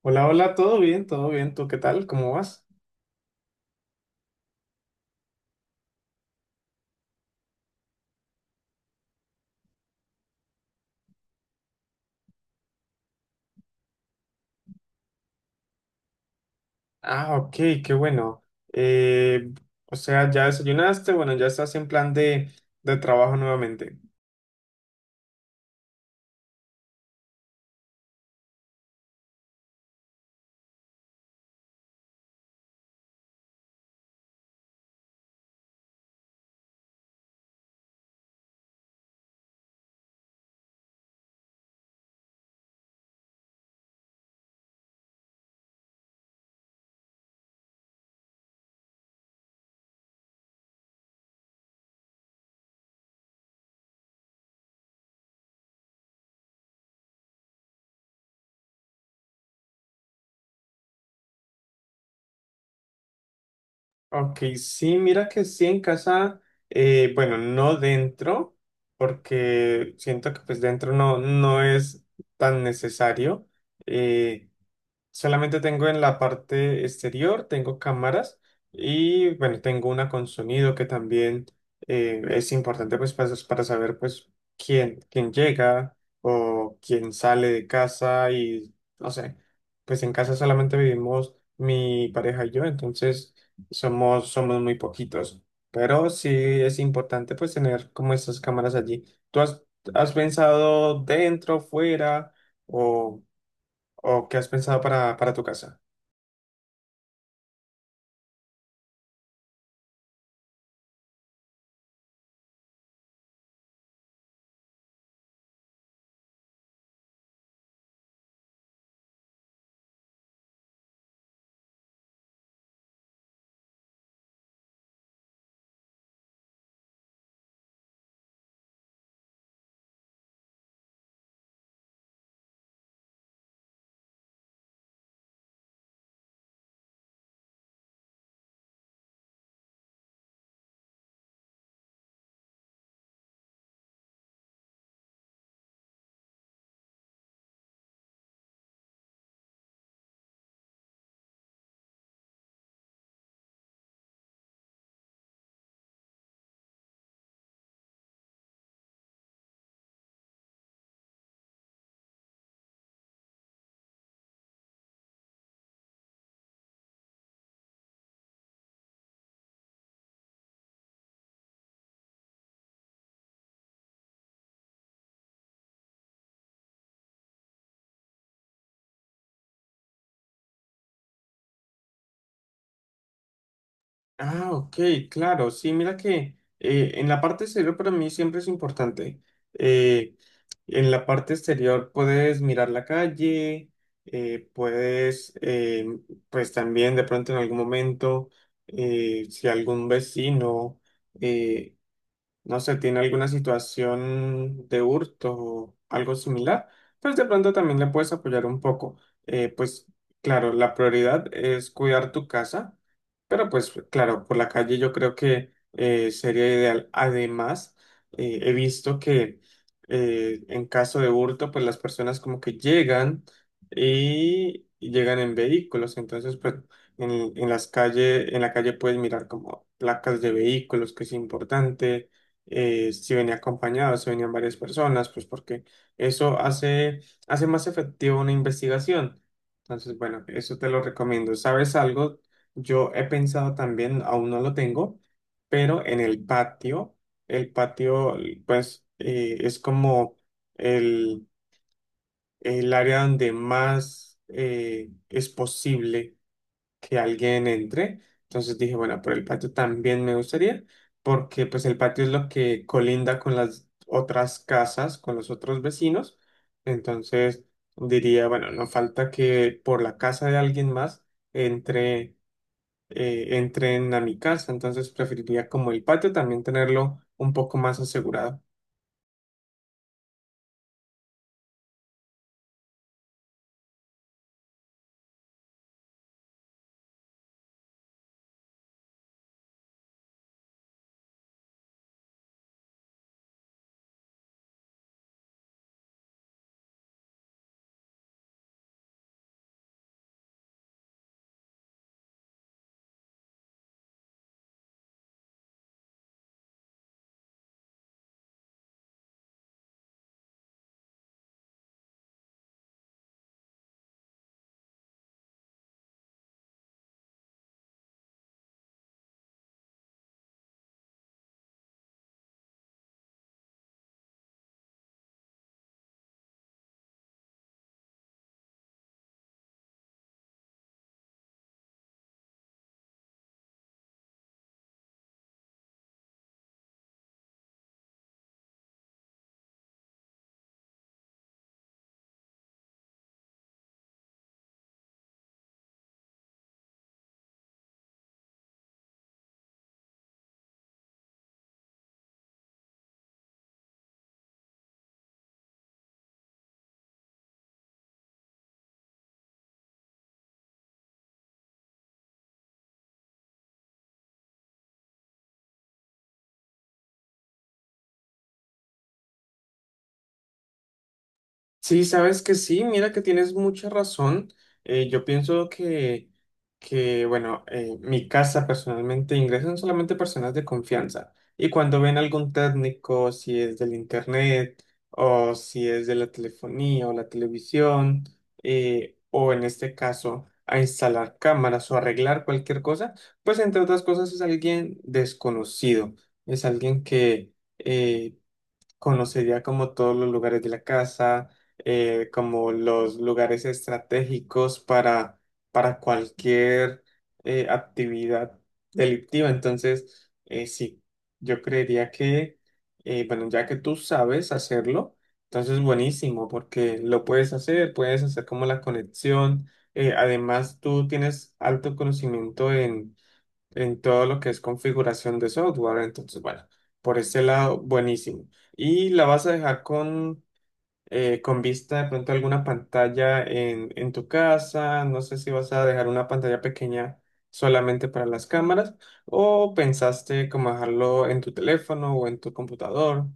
Hola, hola, todo bien, todo bien. ¿Tú qué tal? ¿Cómo vas? Ah, ok, qué bueno. Eh, o sea, ya desayunaste, bueno, ya estás en plan de trabajo nuevamente. Ok, sí, mira que sí en casa, bueno, no dentro, porque siento que pues dentro no es tan necesario. eh, Solamente tengo en la parte exterior, tengo cámaras y bueno, tengo una con sonido que también es importante pues para saber pues quién llega o quién sale de casa y no sé, pues en casa solamente vivimos mi pareja y yo. Entonces somos muy poquitos, pero sí es importante pues tener como estas cámaras allí. ¿Tú has pensado dentro, fuera o... ¿O qué has pensado para tu casa? Ah, ok, claro. Sí, mira que en la parte exterior para mí siempre es importante. Eh, en la parte exterior puedes mirar la calle, puedes, pues también de pronto en algún momento, si algún vecino... eh, no sé, tiene alguna situación de hurto o algo similar, pues de pronto también le puedes apoyar un poco. Pues claro, la prioridad es cuidar tu casa, pero pues claro, por la calle yo creo que sería ideal. Además, he visto que en caso de hurto, pues las personas como que llegan y llegan en vehículos. Entonces pues en, en las calles, en la calle puedes mirar como placas de vehículos, que es importante. Si venía acompañado, si venían varias personas, pues porque eso hace, hace más efectiva una investigación. Entonces, bueno, eso te lo recomiendo. ¿Sabes algo? Yo he pensado también, aún no lo tengo, pero en el patio, el patio, pues, es como el, el área donde más es posible que alguien entre. Entonces dije, bueno, por el patio también me gustaría, porque pues el patio es lo que colinda con las otras casas, con los otros vecinos. Entonces diría, bueno, no falta que por la casa de alguien más entre, entren a mi casa. Entonces preferiría como el patio también tenerlo un poco más asegurado. Sí, sabes que sí, mira que tienes mucha razón. Yo pienso que bueno, mi casa personalmente ingresan solamente personas de confianza. Y cuando ven algún técnico, si es del internet o si es de la telefonía o la televisión, o en este caso a instalar cámaras o arreglar cualquier cosa, pues entre otras cosas es alguien desconocido, es alguien que... eh, conocería como todos los lugares de la casa, como los lugares estratégicos para cualquier actividad delictiva. Entonces, sí, yo creería que bueno, ya que tú sabes hacerlo, entonces buenísimo, porque lo puedes hacer como la conexión. Además, tú tienes alto conocimiento en todo lo que es configuración de software. Entonces, bueno, por ese lado, buenísimo. Y la vas a dejar con con vista de pronto a alguna pantalla en tu casa. No sé si vas a dejar una pantalla pequeña solamente para las cámaras o pensaste como dejarlo en tu teléfono o en tu computador.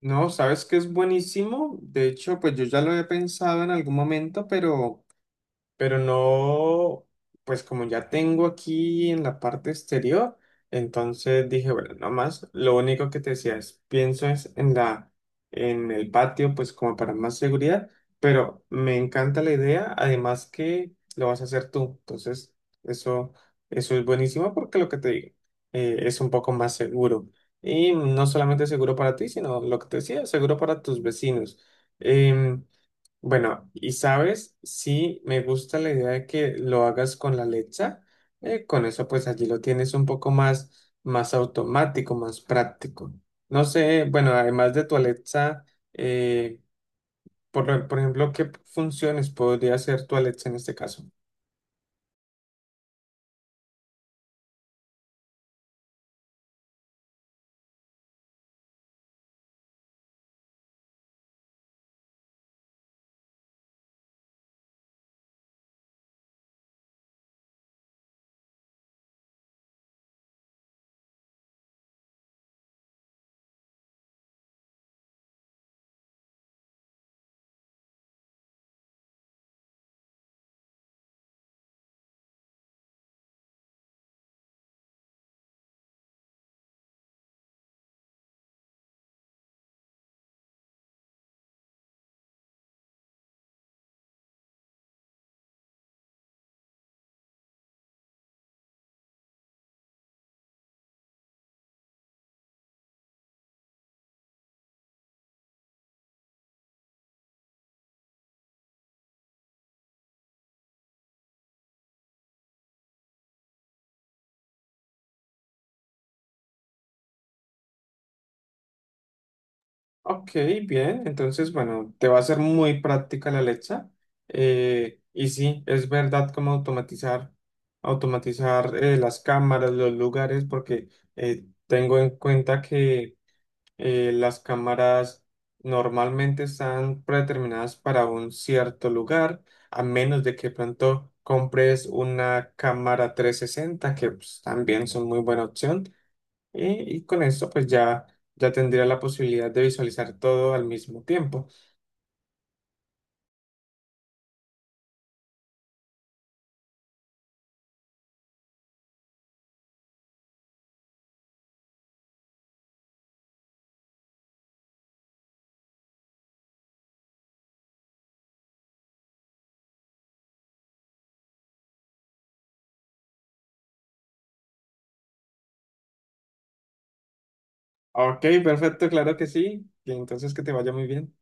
No, sabes que es buenísimo. De hecho, pues yo ya lo he pensado en algún momento, pero no, pues como ya tengo aquí en la parte exterior, entonces dije, bueno, no más, lo único que te decía es, pienso es en el patio, pues como para más seguridad, pero me encanta la idea, además que lo vas a hacer tú. Entonces eso, eso es buenísimo porque lo que te digo, es un poco más seguro. Y no solamente seguro para ti, sino lo que te decía, seguro para tus vecinos. Em, bueno, y sabes, sí me gusta la idea de que lo hagas con la lecha. Con eso pues allí lo tienes un poco más, más automático, más práctico. No sé, bueno, además de tu Alexa, eh, por ejemplo, ¿qué funciones podría hacer tu Alexa en este caso? Ok, bien, entonces bueno, te va a ser muy práctica la Alexa. Y sí, es verdad como automatizar las cámaras, los lugares, porque tengo en cuenta que las cámaras normalmente están predeterminadas para un cierto lugar, a menos de que pronto compres una cámara 360, que pues, también son muy buena opción. Y con esto, pues ya, ya tendría la posibilidad de visualizar todo al mismo tiempo. Ok, perfecto, claro que sí. Y entonces que te vaya muy bien.